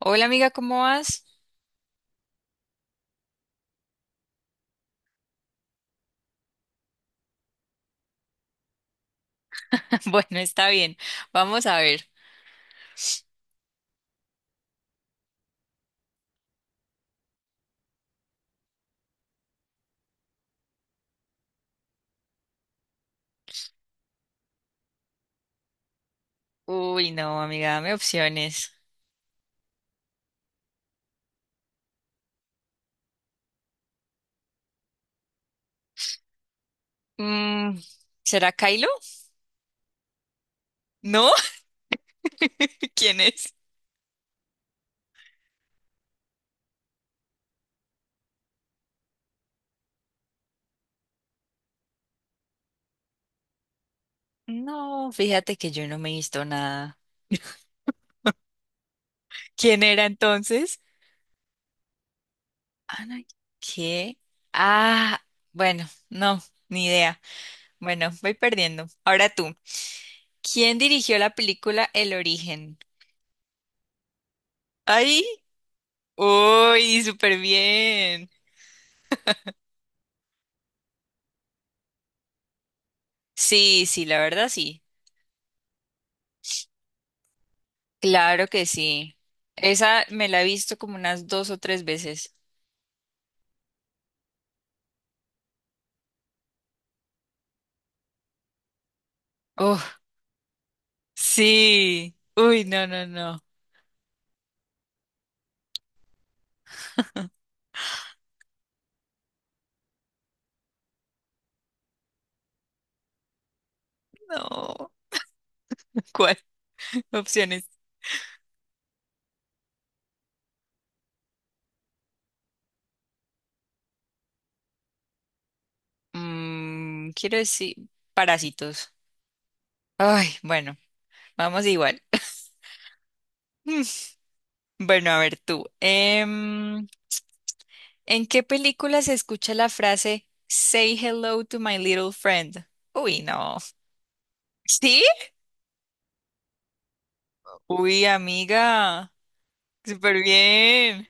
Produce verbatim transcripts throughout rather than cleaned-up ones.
Hola amiga, ¿cómo vas? Bueno, está bien. Vamos a ver. Uy, no, amiga, dame opciones. Mm, ¿Será Kylo? ¿No? ¿Quién es? No, fíjate que yo no me he visto nada. ¿Quién era entonces? Ana, ¿qué? Ah, bueno, no, ni idea. Bueno, voy perdiendo. Ahora tú. ¿Quién dirigió la película El Origen? ¡Ay! ¡Uy, súper bien! Sí, sí, la verdad sí. Claro que sí. Esa me la he visto como unas dos o tres veces. Oh, sí. Uy, no, no, no. No. ¿Cuál? Opciones. Mm, quiero decir, parásitos. Ay, bueno, vamos igual. Bueno, a ver tú. Em, ¿en qué película se escucha la frase Say hello to my little friend? Uy, no. ¿Sí? Uy, amiga. Súper bien.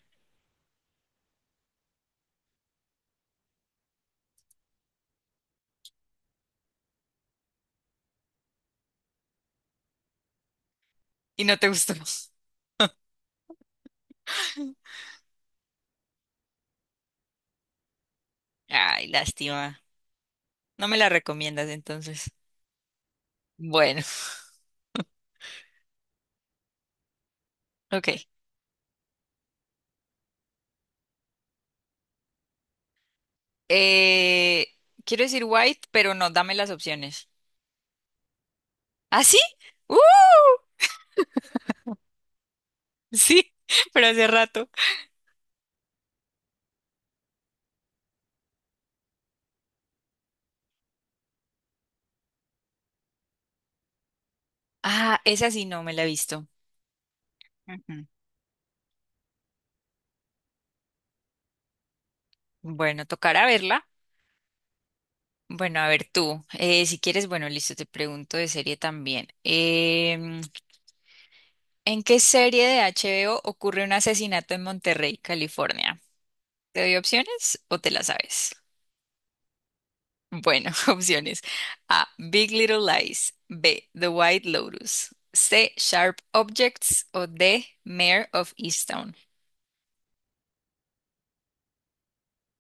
¿Y no te gustó? Ay, lástima. No me la recomiendas entonces. Bueno, ok. Eh, Quiero decir white, pero no, dame las opciones. ¿Ah, sí? ¡Uh! Sí, pero hace rato. Ah, esa sí no me la he visto. Ujú. Bueno, tocará verla. Bueno, a ver tú, eh, si quieres, bueno, listo, te pregunto de serie también. Em, ¿en qué serie de H B O ocurre un asesinato en Monterrey, California? ¿Te doy opciones o te la sabes? Bueno, opciones. A. Big Little Lies. B. The White Lotus. C. Sharp Objects. O D. Mayor of Easttown.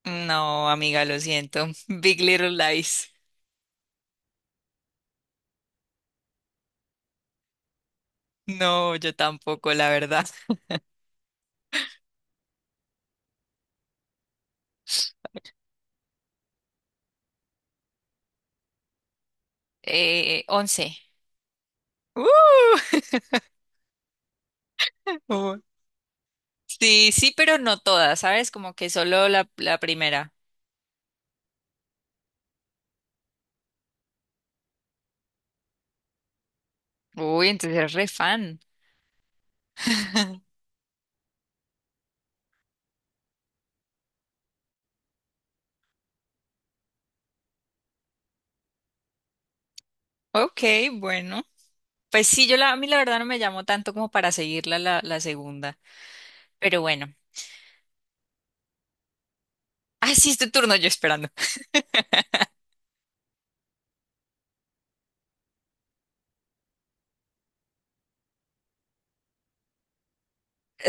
No, amiga, lo siento. Big Little Lies. No, yo tampoco, la verdad. Eh, once. ¡Uh! Oh. Sí, sí, pero no todas, ¿sabes? Como que solo la, la primera. Uy, entonces eres re fan. Ok, bueno. Pues sí, yo la, a mí la verdad no me llamó tanto como para seguirla la, la segunda. Pero bueno. Ah, sí, es tu turno yo esperando.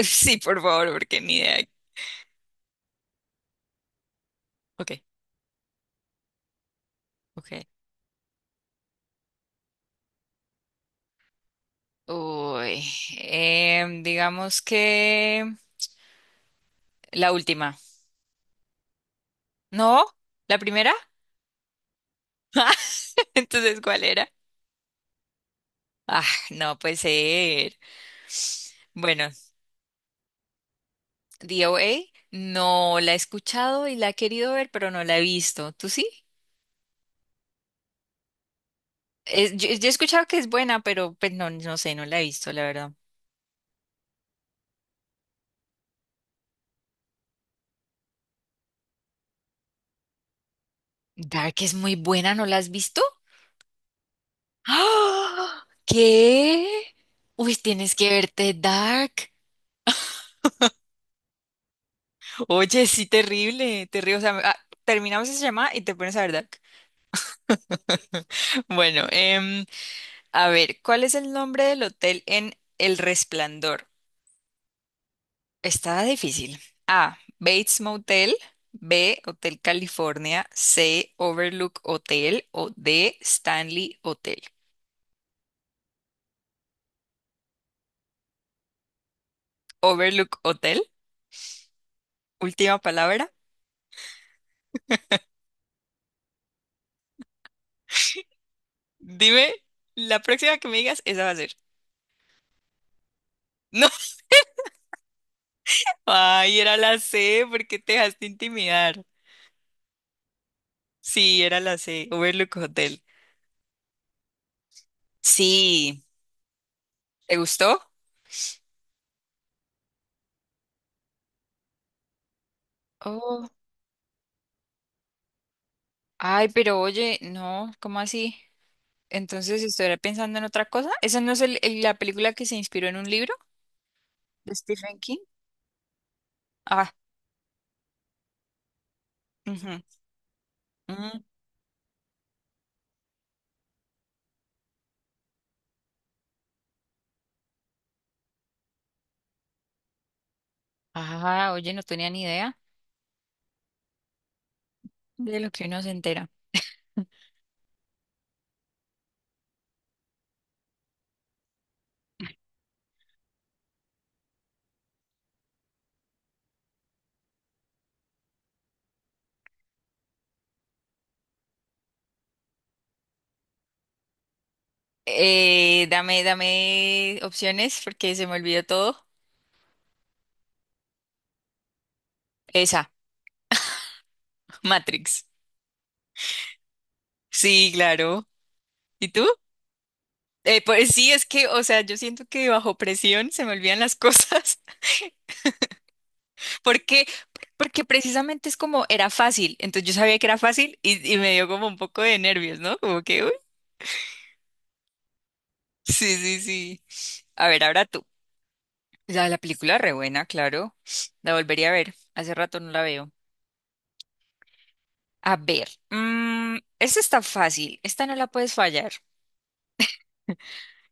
Sí, por favor, porque ni idea. Ok, ok. Uy, em, digamos que la última. ¿No? ¿La primera? Entonces, ¿cuál era? Ah, no puede ser. Bueno, D O A no la he escuchado y la he querido ver, pero no la he visto. ¿Tú sí? Es- yo, yo he escuchado que es buena, pero pues, no, no sé, no la he visto, la verdad. Dark es muy buena, ¿no la has visto? ¡Ah! ¿Qué? Uy, tienes que verte Dark. Oye, sí, terrible, terrible. O sea, ah, terminamos esa llamada y te pones a ver Dark. Bueno, em, a ver, ¿cuál es el nombre del hotel en El Resplandor? Está difícil. A. Bates Motel. B. Hotel California. C. Overlook Hotel. O D. Stanley Hotel. Overlook Hotel. Última palabra. Dime, la próxima que me digas, esa va a ser. Ay, era la C, ¿por qué te dejaste intimidar? Sí, era la C, Overlook Hotel. Sí, ¿te gustó? Oh, ay, pero oye, no, ¿cómo así? Entonces, ¿estuviera pensando en otra cosa? ¿Esa no es el- el- la película que se inspiró en un libro de Stephen King? Ah, ujú, mm. Ah, oye, no tenía ni idea de lo que uno se entera. Eh, dame, dame opciones porque se me olvidó todo. Esa, Matrix. Sí, claro. ¿Y tú? Eh, pues sí, es que, o sea, yo siento que bajo presión se me olvidan las cosas, porque, porque precisamente es como era fácil, entonces yo sabía que era fácil y, y me dio como un poco de nervios, ¿no? Como que, uy, sí, sí, sí. A ver, ahora tú. La, la película re buena, claro. La volvería a ver. Hace rato no la veo. A ver, mm, esta está fácil, esta no la puedes fallar.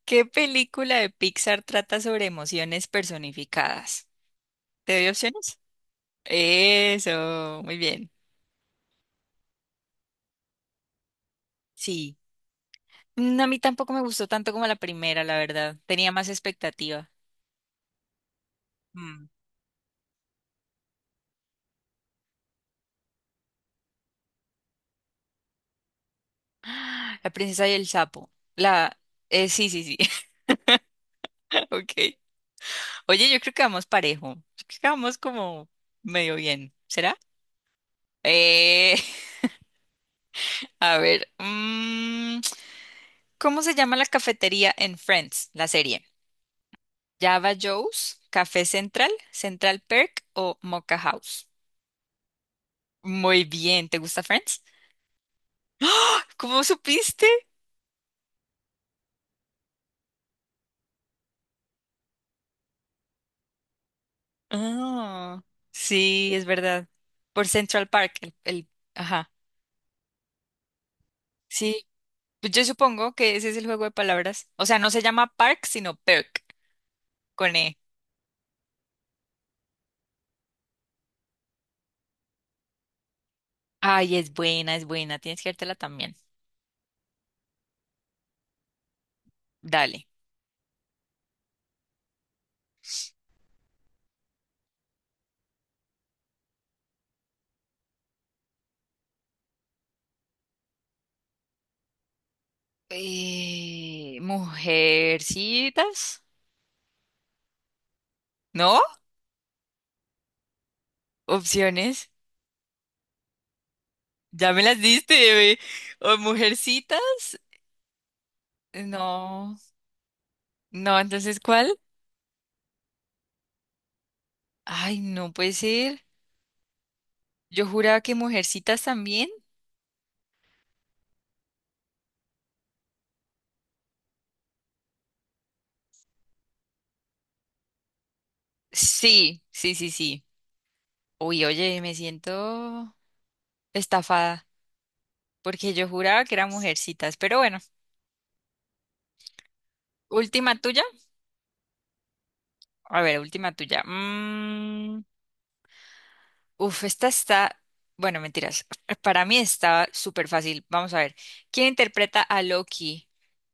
¿Qué película de Pixar trata sobre emociones personificadas? ¿Te doy opciones? Eso, muy bien. Sí. No. A mí tampoco me gustó tanto como la primera, la verdad. Tenía más expectativa. Mm. La princesa y el sapo. La... eh, sí, sí, sí. Ok. Oye, yo creo que vamos parejo. Yo creo que vamos como medio bien. ¿Será? Eh, a ver. mm, ¿cómo se llama la cafetería en Friends, la serie? ¿Java Joe's, Café Central, Central Perk o Mocha House? Muy bien. ¿Te gusta Friends? ¿Cómo supiste? Ah, sí, es verdad. Por Central Park, el, el- ajá. Sí, pues yo supongo que ese es el juego de palabras. O sea, no se llama Park, sino Perk, con E. Ay, es buena, es buena. Tienes que dártela también. Dale. Eh, Mujercitas, ¿no? Opciones. Ya me las diste, bebé. O mujercitas. No, no, entonces, ¿cuál? Ay, no puede ser. Yo juraba que mujercitas también. Sí, sí, sí, sí. Uy, oye, me siento estafada porque yo juraba que eran mujercitas, pero bueno, última tuya. A ver, última tuya. Mm, uf, esta está, bueno, mentiras. Para mí estaba súper fácil. Vamos a ver. ¿Quién interpreta a Loki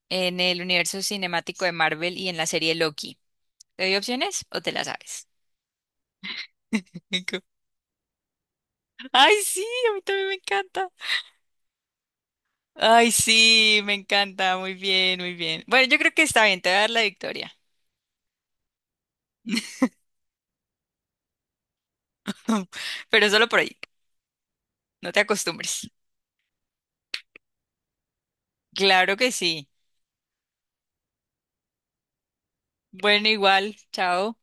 en el universo cinemático de Marvel y en la serie Loki? ¿Te doy opciones o te la sabes? Ay, sí, a mí también me encanta. Ay, sí, me encanta. Muy bien, muy bien. Bueno, yo creo que está bien, te voy a dar la victoria. Pero solo por ahí. No te acostumbres. Claro que sí. Bueno, igual. Chao.